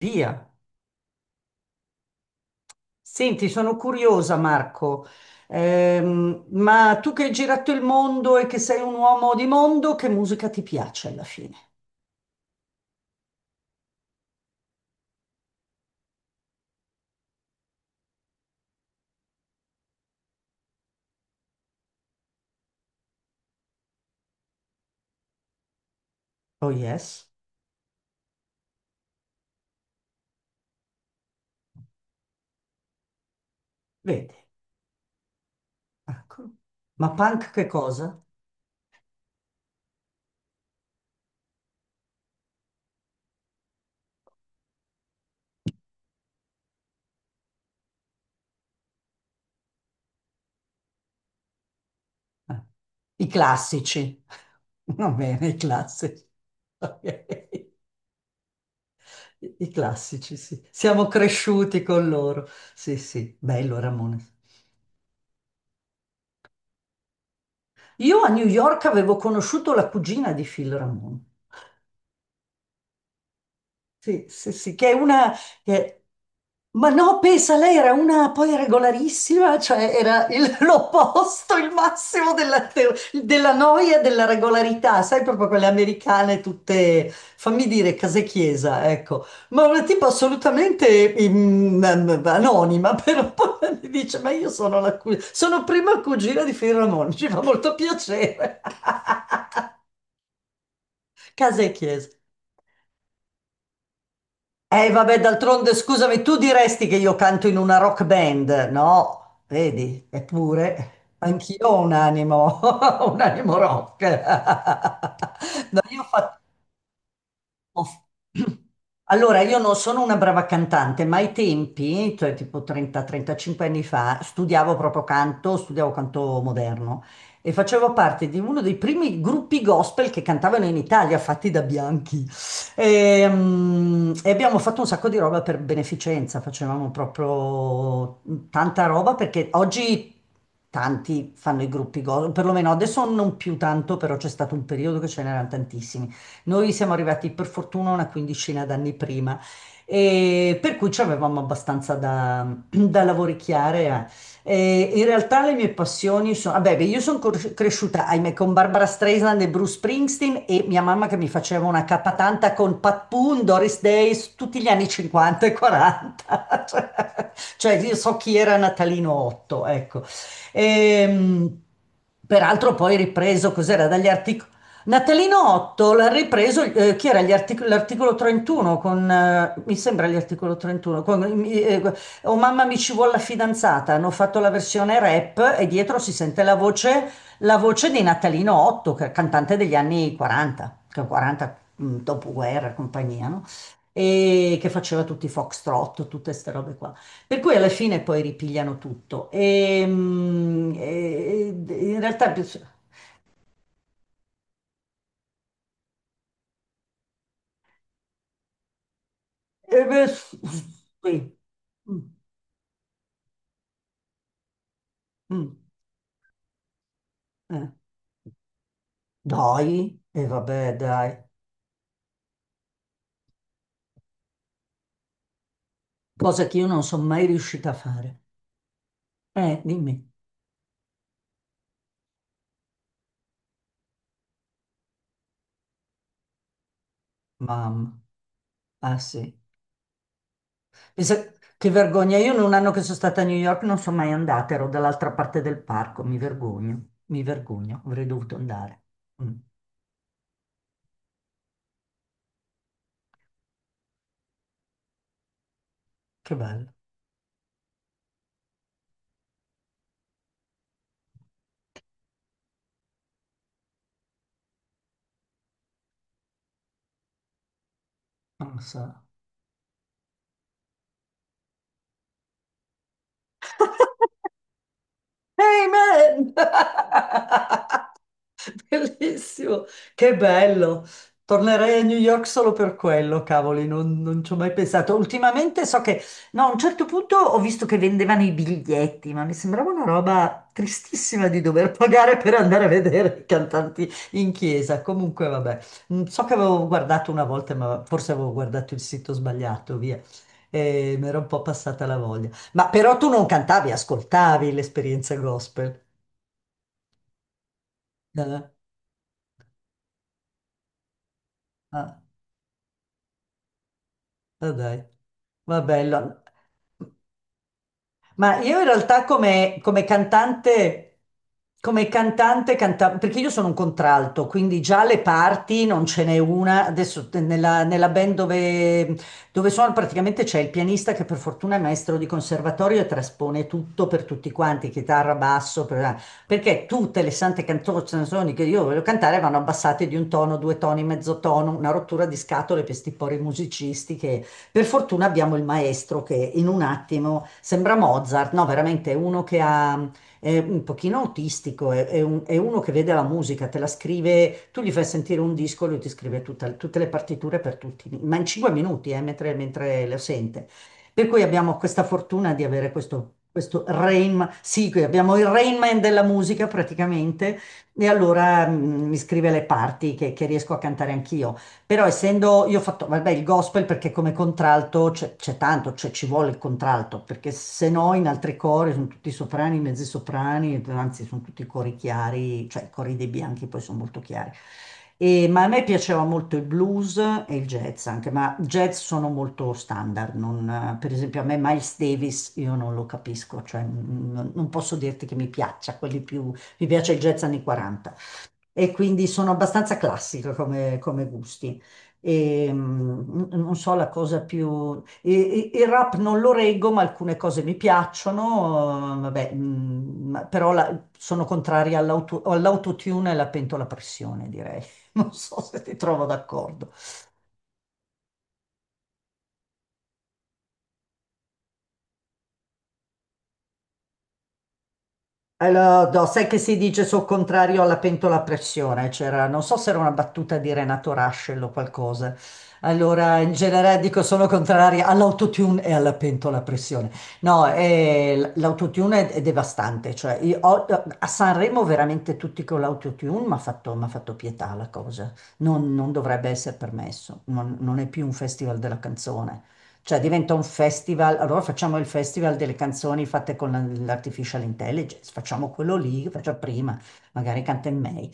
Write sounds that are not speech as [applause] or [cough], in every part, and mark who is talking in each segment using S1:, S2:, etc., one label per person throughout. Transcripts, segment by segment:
S1: Via. Senti, sono curiosa, Marco. Ma tu che hai girato il mondo e che sei un uomo di mondo, che musica ti piace alla fine? Oh yes, vedi, ecco. Ma punk che cosa? I classici. [laughs] Va bene, i classici. [laughs] Ok. I classici, sì. Siamo cresciuti con loro. Sì, sì, bello Ramone. Io a New York avevo conosciuto la cugina di Phil Ramone. Sì, sì, sì, che è una... che- Ma no, pensa, lei era una poi regolarissima, cioè era [laughs] l'opposto, il massimo della, della noia e della regolarità, sai, proprio quelle americane tutte, fammi dire, case chiesa, ecco. Ma una tipo assolutamente anonima, [laughs] però poi mi dice, ma io sono la cugina, sono prima cugina di Fioramone, ci fa molto piacere. [laughs] Casa e chiesa. Vabbè, d'altronde, scusami, tu diresti che io canto in una rock band, no? Vedi, eppure anch'io ho un animo, [laughs] un animo rock. [laughs] No, io ho fatto. Oh. [clears throat] Allora, io non sono una brava cantante, ma ai tempi, cioè tipo 30-35 anni fa, studiavo proprio canto, studiavo canto moderno e facevo parte di uno dei primi gruppi gospel che cantavano in Italia, fatti da bianchi. E abbiamo fatto un sacco di roba per beneficenza, facevamo proprio tanta roba perché oggi tanti fanno i gruppi gospel, perlomeno adesso non più tanto, però c'è stato un periodo che ce n'erano tantissimi. Noi siamo arrivati per fortuna una quindicina d'anni prima, e per cui ci avevamo abbastanza da, da lavoricchiare. Eh. E in realtà le mie passioni sono, vabbè, beh, io sono cresciuta, ahimè, con Barbara Streisand e Bruce Springsteen e mia mamma che mi faceva una capatanta con Pat Boone, Doris Day, tutti gli anni 50 e 40. [laughs] Cioè, cioè, io so chi era Natalino Otto, ecco. Ehm, Peraltro poi ripreso, cos'era, dagli Arctic. Natalino Otto l'ha ripreso, chi era l'articolo 31 con, mi sembra gli articolo 31, con, oh mamma mi ci vuole la fidanzata, hanno fatto la versione rap e dietro si sente la voce di Natalino Otto, che è cantante degli anni 40, che è 40 dopoguerra e compagnia, no? E che faceva tutti i foxtrot, tutte queste robe qua. Per cui alla fine poi ripigliano tutto. E in realtà... E beh, sì. Mm, mm, eh. Dai, e vabbè, dai, cosa che io non sono mai riuscita a fare. Dimmi, mamma. Ah sì. Pensa- che vergogna, io in un anno che sono stata a New York non sono mai andata, ero dall'altra parte del parco, mi vergogno, avrei dovuto andare. Mm, che bello, non lo so. [laughs] Amen! [laughs] [laughs] Bellissimo, che bello. Tornerei a New York solo per quello, cavoli, non, non ci ho mai pensato. Ultimamente so che, no, a un certo punto ho visto che vendevano i biglietti, ma mi sembrava una roba tristissima di dover pagare per andare a vedere i cantanti in chiesa. Comunque, vabbè. So che avevo guardato una volta, ma forse avevo guardato il sito sbagliato, via. E mi era un po' passata la voglia. Ma però tu non cantavi, ascoltavi l'esperienza gospel. Eh? Ah. Ah, dai, va bello. Ma io in realtà come cantante, come cantante, perché io sono un contralto, quindi già le parti non ce n'è una. Adesso nella band dove sono praticamente c'è il pianista che per fortuna è maestro di conservatorio e traspone tutto per tutti quanti, chitarra, basso, perché tutte le sante canzoni che io voglio cantare vanno abbassate di un tono, due toni, mezzo tono, una rottura di scatole per sti pori musicisti. Per fortuna abbiamo il maestro che in un attimo sembra Mozart, no, veramente è uno che ha, è un pochino autistico, è è uno che vede la musica, te la scrive, tu gli fai sentire un disco, lui ti scrive tutte le partiture per tutti, ma in 5 minuti, mentre lo sente. Per cui abbiamo questa fortuna di avere questo sì, qui abbiamo il Rainman della musica praticamente, e allora mi scrive le parti che riesco a cantare anch'io. Però essendo, io ho fatto, vabbè, il gospel perché come contralto c'è tanto, cioè ci vuole il contralto, perché se no in altri cori sono tutti soprani, mezzi soprani, anzi sono tutti cori chiari, cioè i cori dei bianchi poi sono molto chiari. Ma a me piaceva molto il blues e il jazz anche, ma jazz sono molto standard, per esempio a me Miles Davis io non lo capisco, cioè non posso dirti che mi piaccia, quelli più, mi piace il jazz anni 40 e quindi sono abbastanza classica come gusti. Non so la cosa più... Il rap non lo reggo, ma alcune cose mi piacciono, vabbè, però sono contraria all'autotune e alla pentola a pressione, direi. [laughs] Non so se ti trovo d'accordo. Allora, no, sai che si dice sul contrario alla pentola a pressione? C'era, non so se era una battuta di Renato Rascel o qualcosa. Allora, in generale dico sono contraria all'autotune e alla pentola a pressione. No, l'autotune è devastante. Cioè, io a Sanremo veramente tutti con l'autotune mi ha fatto, m'ha fatto pietà la cosa. Non dovrebbe essere permesso. Non è più un festival della canzone. Cioè diventa un festival, allora facciamo il festival delle canzoni fatte con l'artificial intelligence, facciamo quello lì che faccio prima, magari canta in May.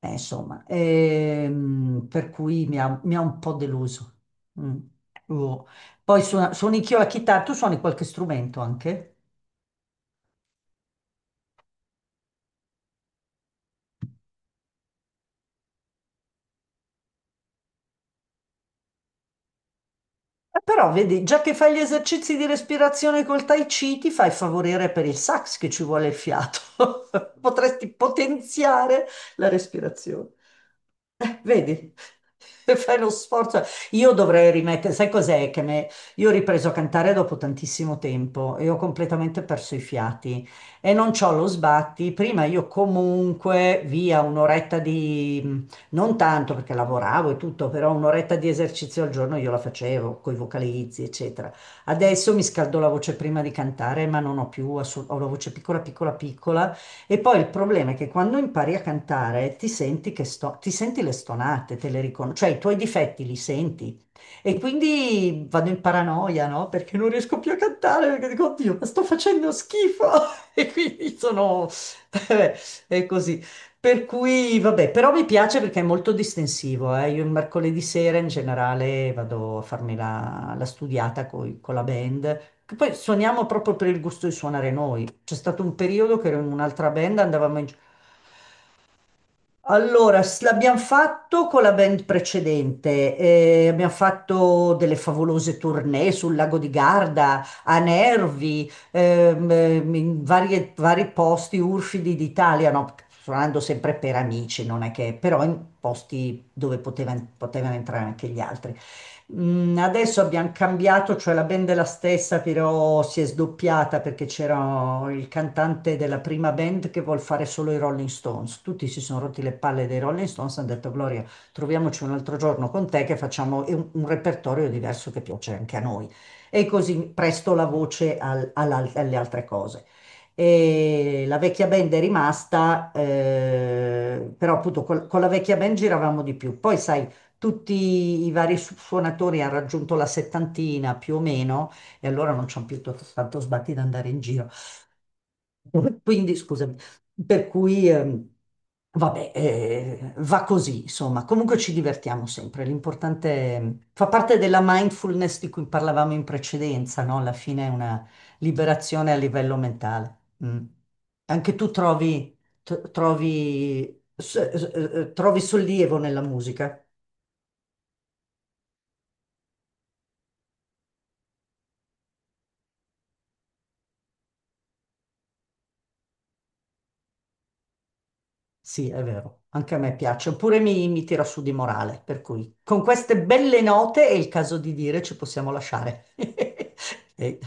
S1: Insomma, per cui mi ha un po' deluso. Mm. Oh. Poi suoni anch'io la chitarra, tu suoni qualche strumento anche? Però vedi, già che fai gli esercizi di respirazione col Tai Chi, ti fai favorire per il sax che ci vuole il fiato. [laughs] Potresti potenziare la respirazione. Vedi? [laughs] Fai lo sforzo. Io dovrei rimettere, sai cos'è che me... Io ho ripreso a cantare dopo tantissimo tempo e ho completamente perso i fiati e non c'ho lo sbatti. Prima io comunque via un'oretta di, non tanto perché lavoravo e tutto, però un'oretta di esercizio al giorno io la facevo con i vocalizzi, eccetera. Adesso mi scaldo la voce prima di cantare, ma non ho più, ho la voce piccola, piccola, piccola. E poi il problema è che quando impari a cantare ti senti, che ti senti le stonate, te le riconosci, cioè i tuoi difetti li senti. E quindi vado in paranoia, no? Perché non riesco più a cantare, perché dico, oddio, ma sto facendo schifo. [laughs] E quindi sono... [laughs] è così. Per cui, vabbè, però mi piace perché è molto distensivo, eh. Io il mercoledì sera in generale vado a farmi la, la studiata con la band, che poi suoniamo proprio per il gusto di suonare noi. C'è stato un periodo che ero in un'altra band, andavamo allora, l'abbiamo fatto con la band precedente, abbiamo fatto delle favolose tournée sul lago di Garda, a Nervi, in vari posti urfidi d'Italia, no? Suonando sempre per amici, non è che, però in posti dove potevano entrare anche gli altri. Adesso abbiamo cambiato, cioè la band è la stessa, però si è sdoppiata perché c'era il cantante della prima band che vuol fare solo i Rolling Stones. Tutti si sono rotti le palle dei Rolling Stones, hanno detto Gloria, troviamoci un altro giorno con te che facciamo un repertorio diverso che piace anche a noi. E così presto la voce alle altre cose e la vecchia band è rimasta, però appunto con la vecchia band giravamo di più. Poi sai, tutti i vari suonatori hanno raggiunto la settantina più o meno e allora non c'hanno più tanto sbatti da andare in giro. [laughs] Quindi, scusami, per cui, vabbè, va così, insomma. Comunque ci divertiamo sempre. L'importante fa parte della mindfulness di cui parlavamo in precedenza, no? Alla fine è una liberazione a livello mentale. Mm. Anche tu trovi, trovi, trovi sollievo nella musica. Sì, è vero, anche a me piace, oppure mi tira su di morale, per cui con queste belle note è il caso di dire ci possiamo lasciare. [laughs] E